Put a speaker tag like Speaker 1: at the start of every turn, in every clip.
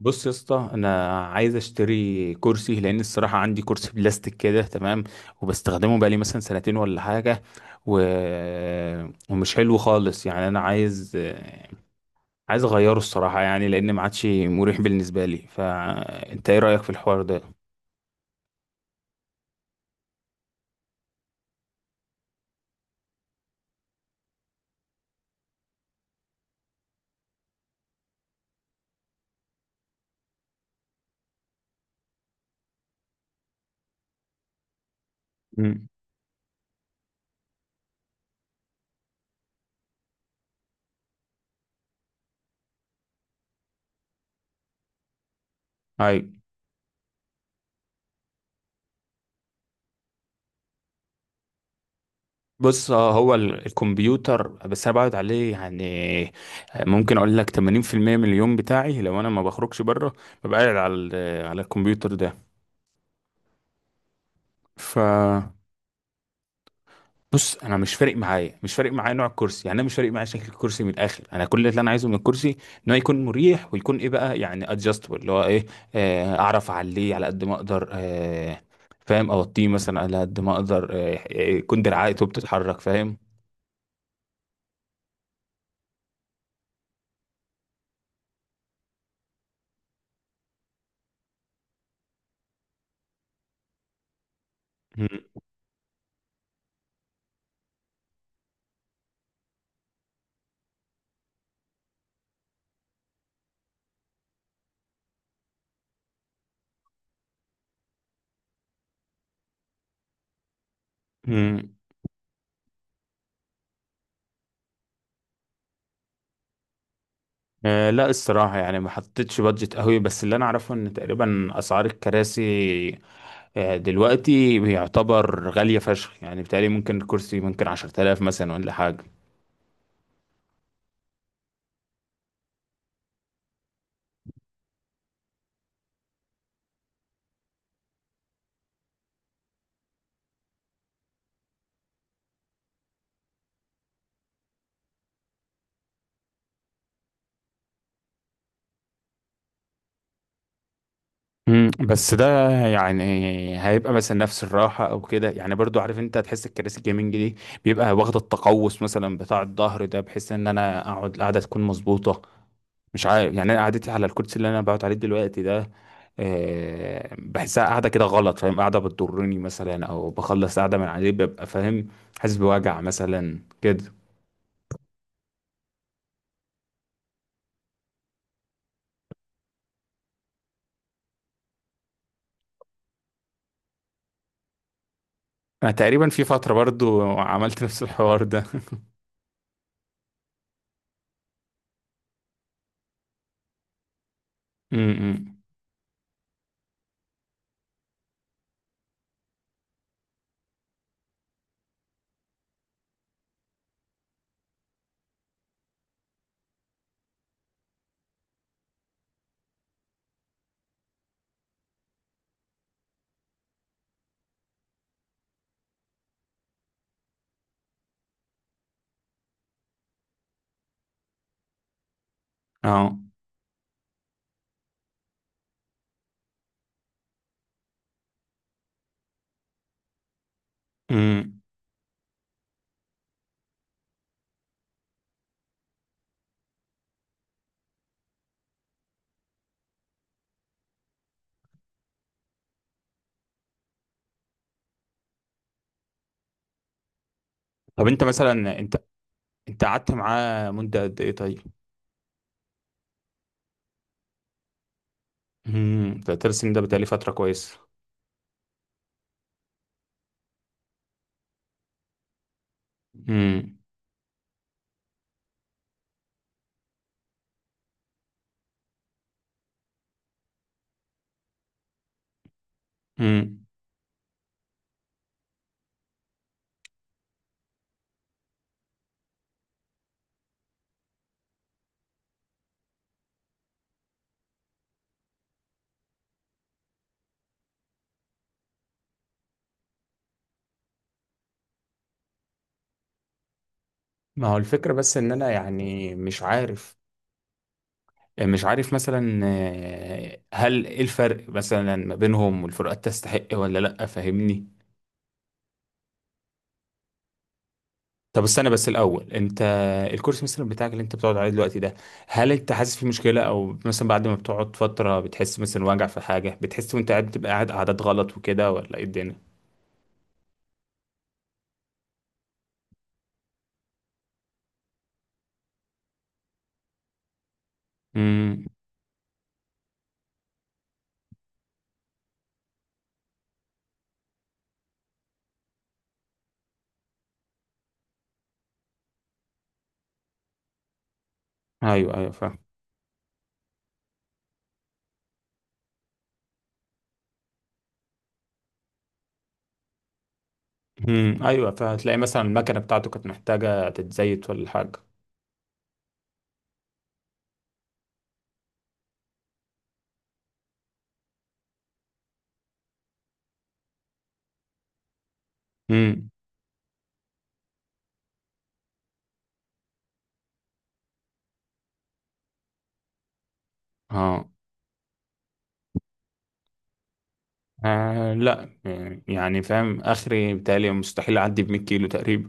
Speaker 1: بص يا اسطى، انا عايز اشتري كرسي لان الصراحه عندي كرسي بلاستيك كده تمام، وبستخدمه بقالي مثلا سنتين ولا حاجه، و... ومش حلو خالص يعني، انا عايز اغيره الصراحه، يعني لان ما عادش مريح بالنسبه لي. فانت ايه رايك في الحوار ده؟ امم. اي. بص، هو الكمبيوتر بس انا بقعد عليه يعني، ممكن اقول لك 80% من اليوم بتاعي، لو انا ما بخرجش بره ببقى قاعد على على الكمبيوتر ده. ف بص، انا مش فارق معايا نوع الكرسي، يعني انا مش فارق معايا شكل الكرسي. من الاخر، انا كل اللي انا عايزه من الكرسي ان هو يكون مريح، ويكون ايه بقى يعني ادجستبل، اللي هو ايه، اعرف اعليه على قد ما اقدر، فاهم، اوطيه مثلا على قد ما اقدر، يكون دراعاته بتتحرك، فاهم. مم. مم. لا الصراحه يعني ما حطيتش بادجت قوي، بس اللي انا اعرفه ان تقريبا اسعار الكراسي دلوقتي بيعتبر غالية فشخ يعني، بالتالي ممكن الكرسي ممكن 10000 مثلا ولا حاجة. مم، بس ده يعني هيبقى مثلا نفس الراحة أو كده يعني، برضو عارف أنت هتحس الكراسي الجيمنج دي بيبقى واخدة التقوس مثلا بتاع الظهر ده، بحيث إن أنا أقعد القعدة تكون مظبوطة. مش عارف يعني، أنا قعدتي على الكرسي اللي أنا بقعد عليه دلوقتي ده، بحسها قاعدة كده غلط، فاهم، قاعدة بتضرني مثلا أو بخلص قاعدة من عليه ببقى فاهم حاسس بوجع مثلا كده. أنا تقريبا في فترة برضو عملت نفس الحوار ده. امم. اه. امم. طب انت مثلا انت قعدت معاه مدة قد ايه طيب؟ امم، ده ترسم، ده بقالي فترة كويسة. امم. امم. ما هو الفكرة بس ان انا يعني مش عارف، مش عارف مثلا، هل ايه الفرق مثلا ما بينهم والفروقات تستحق ولا لا، فاهمني؟ طب استنى بس الاول، انت الكورس مثلا بتاعك اللي انت بتقعد عليه دلوقتي ده، هل انت حاسس فيه مشكلة او مثلا بعد ما بتقعد فترة بتحس مثلا وجع في حاجة، بتحس وانت قاعد بتبقى قاعد قعدات غلط وكده، ولا ايه الدنيا؟ امم. ايوه، ايوه فاهم. امم. ايوه، فهتلاقي مثلا المكنه بتاعته كانت محتاجه تتزيت ولا حاجه. امم. اه. لا يعني، فاهم، اخري بتهيألي مستحيل اعدي ب 100 كيلو تقريبا.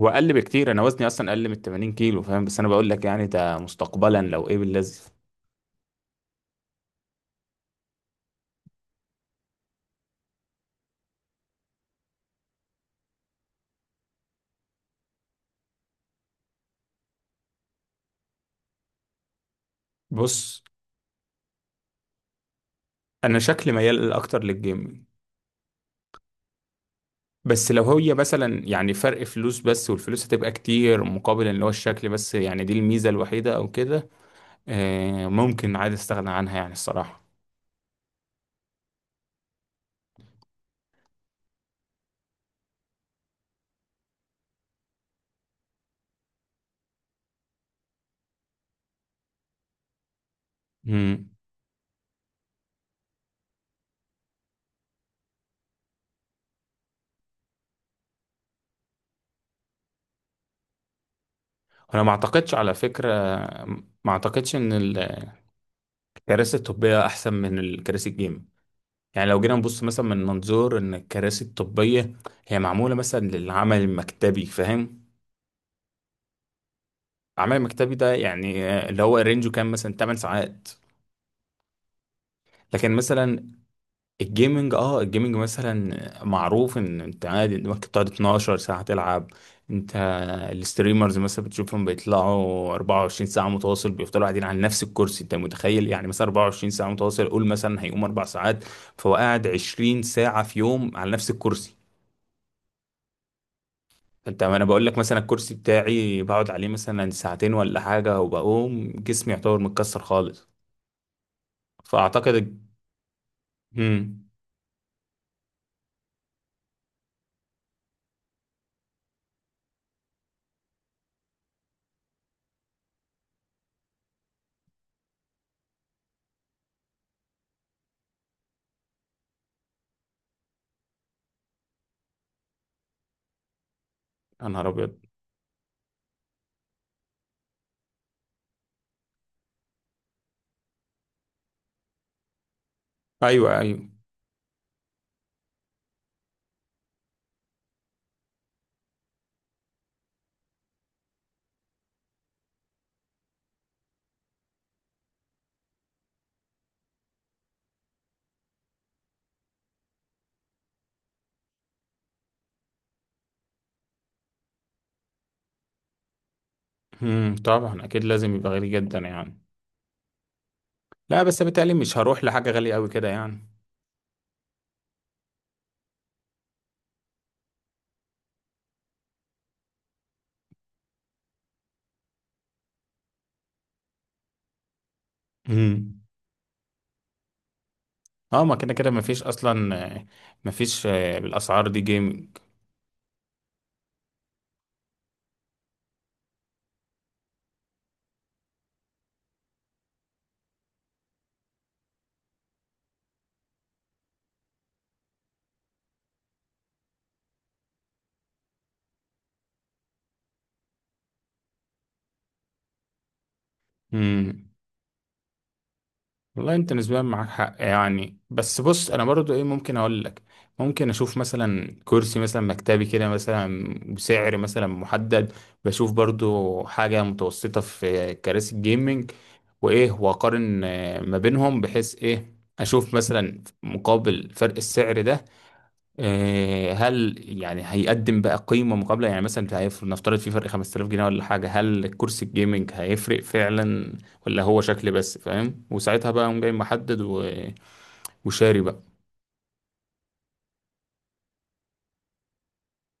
Speaker 1: واقل بكتير، انا وزني اصلا اقل من 80 كيلو فاهم، بس انا بقول لك يعني ده مستقبلا لو ايه باللذي. بص، انا شكلي ميال اكتر للجيم. بس لو هي مثلا يعني فرق فلوس بس، والفلوس هتبقى كتير مقابل اللي هو الشكل بس يعني، دي الميزه الوحيده او كده، ممكن عادي استغنى عنها يعني الصراحه. مم. انا ما اعتقدش على فكره، ما اعتقدش ان الكراسي الطبيه احسن من الكراسي الجيم. يعني لو جينا نبص مثلا من منظور ان الكراسي الطبيه هي معموله مثلا للعمل المكتبي، فاهم، العمل المكتبي ده يعني اللي هو رينجه كام مثلا 8 ساعات. لكن مثلا الجيمنج مثلا معروف ان انت عادي انت ممكن تقعد 12 ساعة تلعب. انت الستريمرز مثلا بتشوفهم بيطلعوا 24 ساعة متواصل، بيفضلوا قاعدين على نفس الكرسي، انت متخيل يعني مثلا 24 ساعة متواصل، قول مثلا هيقوم 4 ساعات، فهو قاعد 20 ساعة في يوم على نفس الكرسي. انت، انا بقول لك مثلا الكرسي بتاعي بقعد عليه مثلا ساعتين ولا حاجة وبقوم جسمي يعتبر متكسر خالص. فاعتقد. مم. يا نهار ابيض. ايوه ايوه. طبعا اكيد لازم يبقى غالي جدا يعني. لا بس بالتالي مش هروح لحاجه غاليه قوي كده يعني. امم. اه. ما كده كده مفيش اصلا، مفيش، بالاسعار دي جيمنج. امم. والله انت نسبيا معاك حق يعني. بس بص، انا برضو ايه ممكن اقول لك، ممكن اشوف مثلا كرسي مثلا مكتبي كده مثلا بسعر مثلا محدد، بشوف برضو حاجة متوسطة في كراسي الجيمنج، وايه واقارن، ما بينهم، بحيث ايه اشوف مثلا مقابل فرق السعر ده، هل يعني هيقدم بقى قيمة مقابلة يعني، مثلا هيفرق نفترض في فرق 5000 جنيه ولا حاجة، هل الكرسي الجيمنج هيفرق فعلا ولا هو شكل بس، فاهم، وساعتها بقى قوم جاي محدد وشاري بقى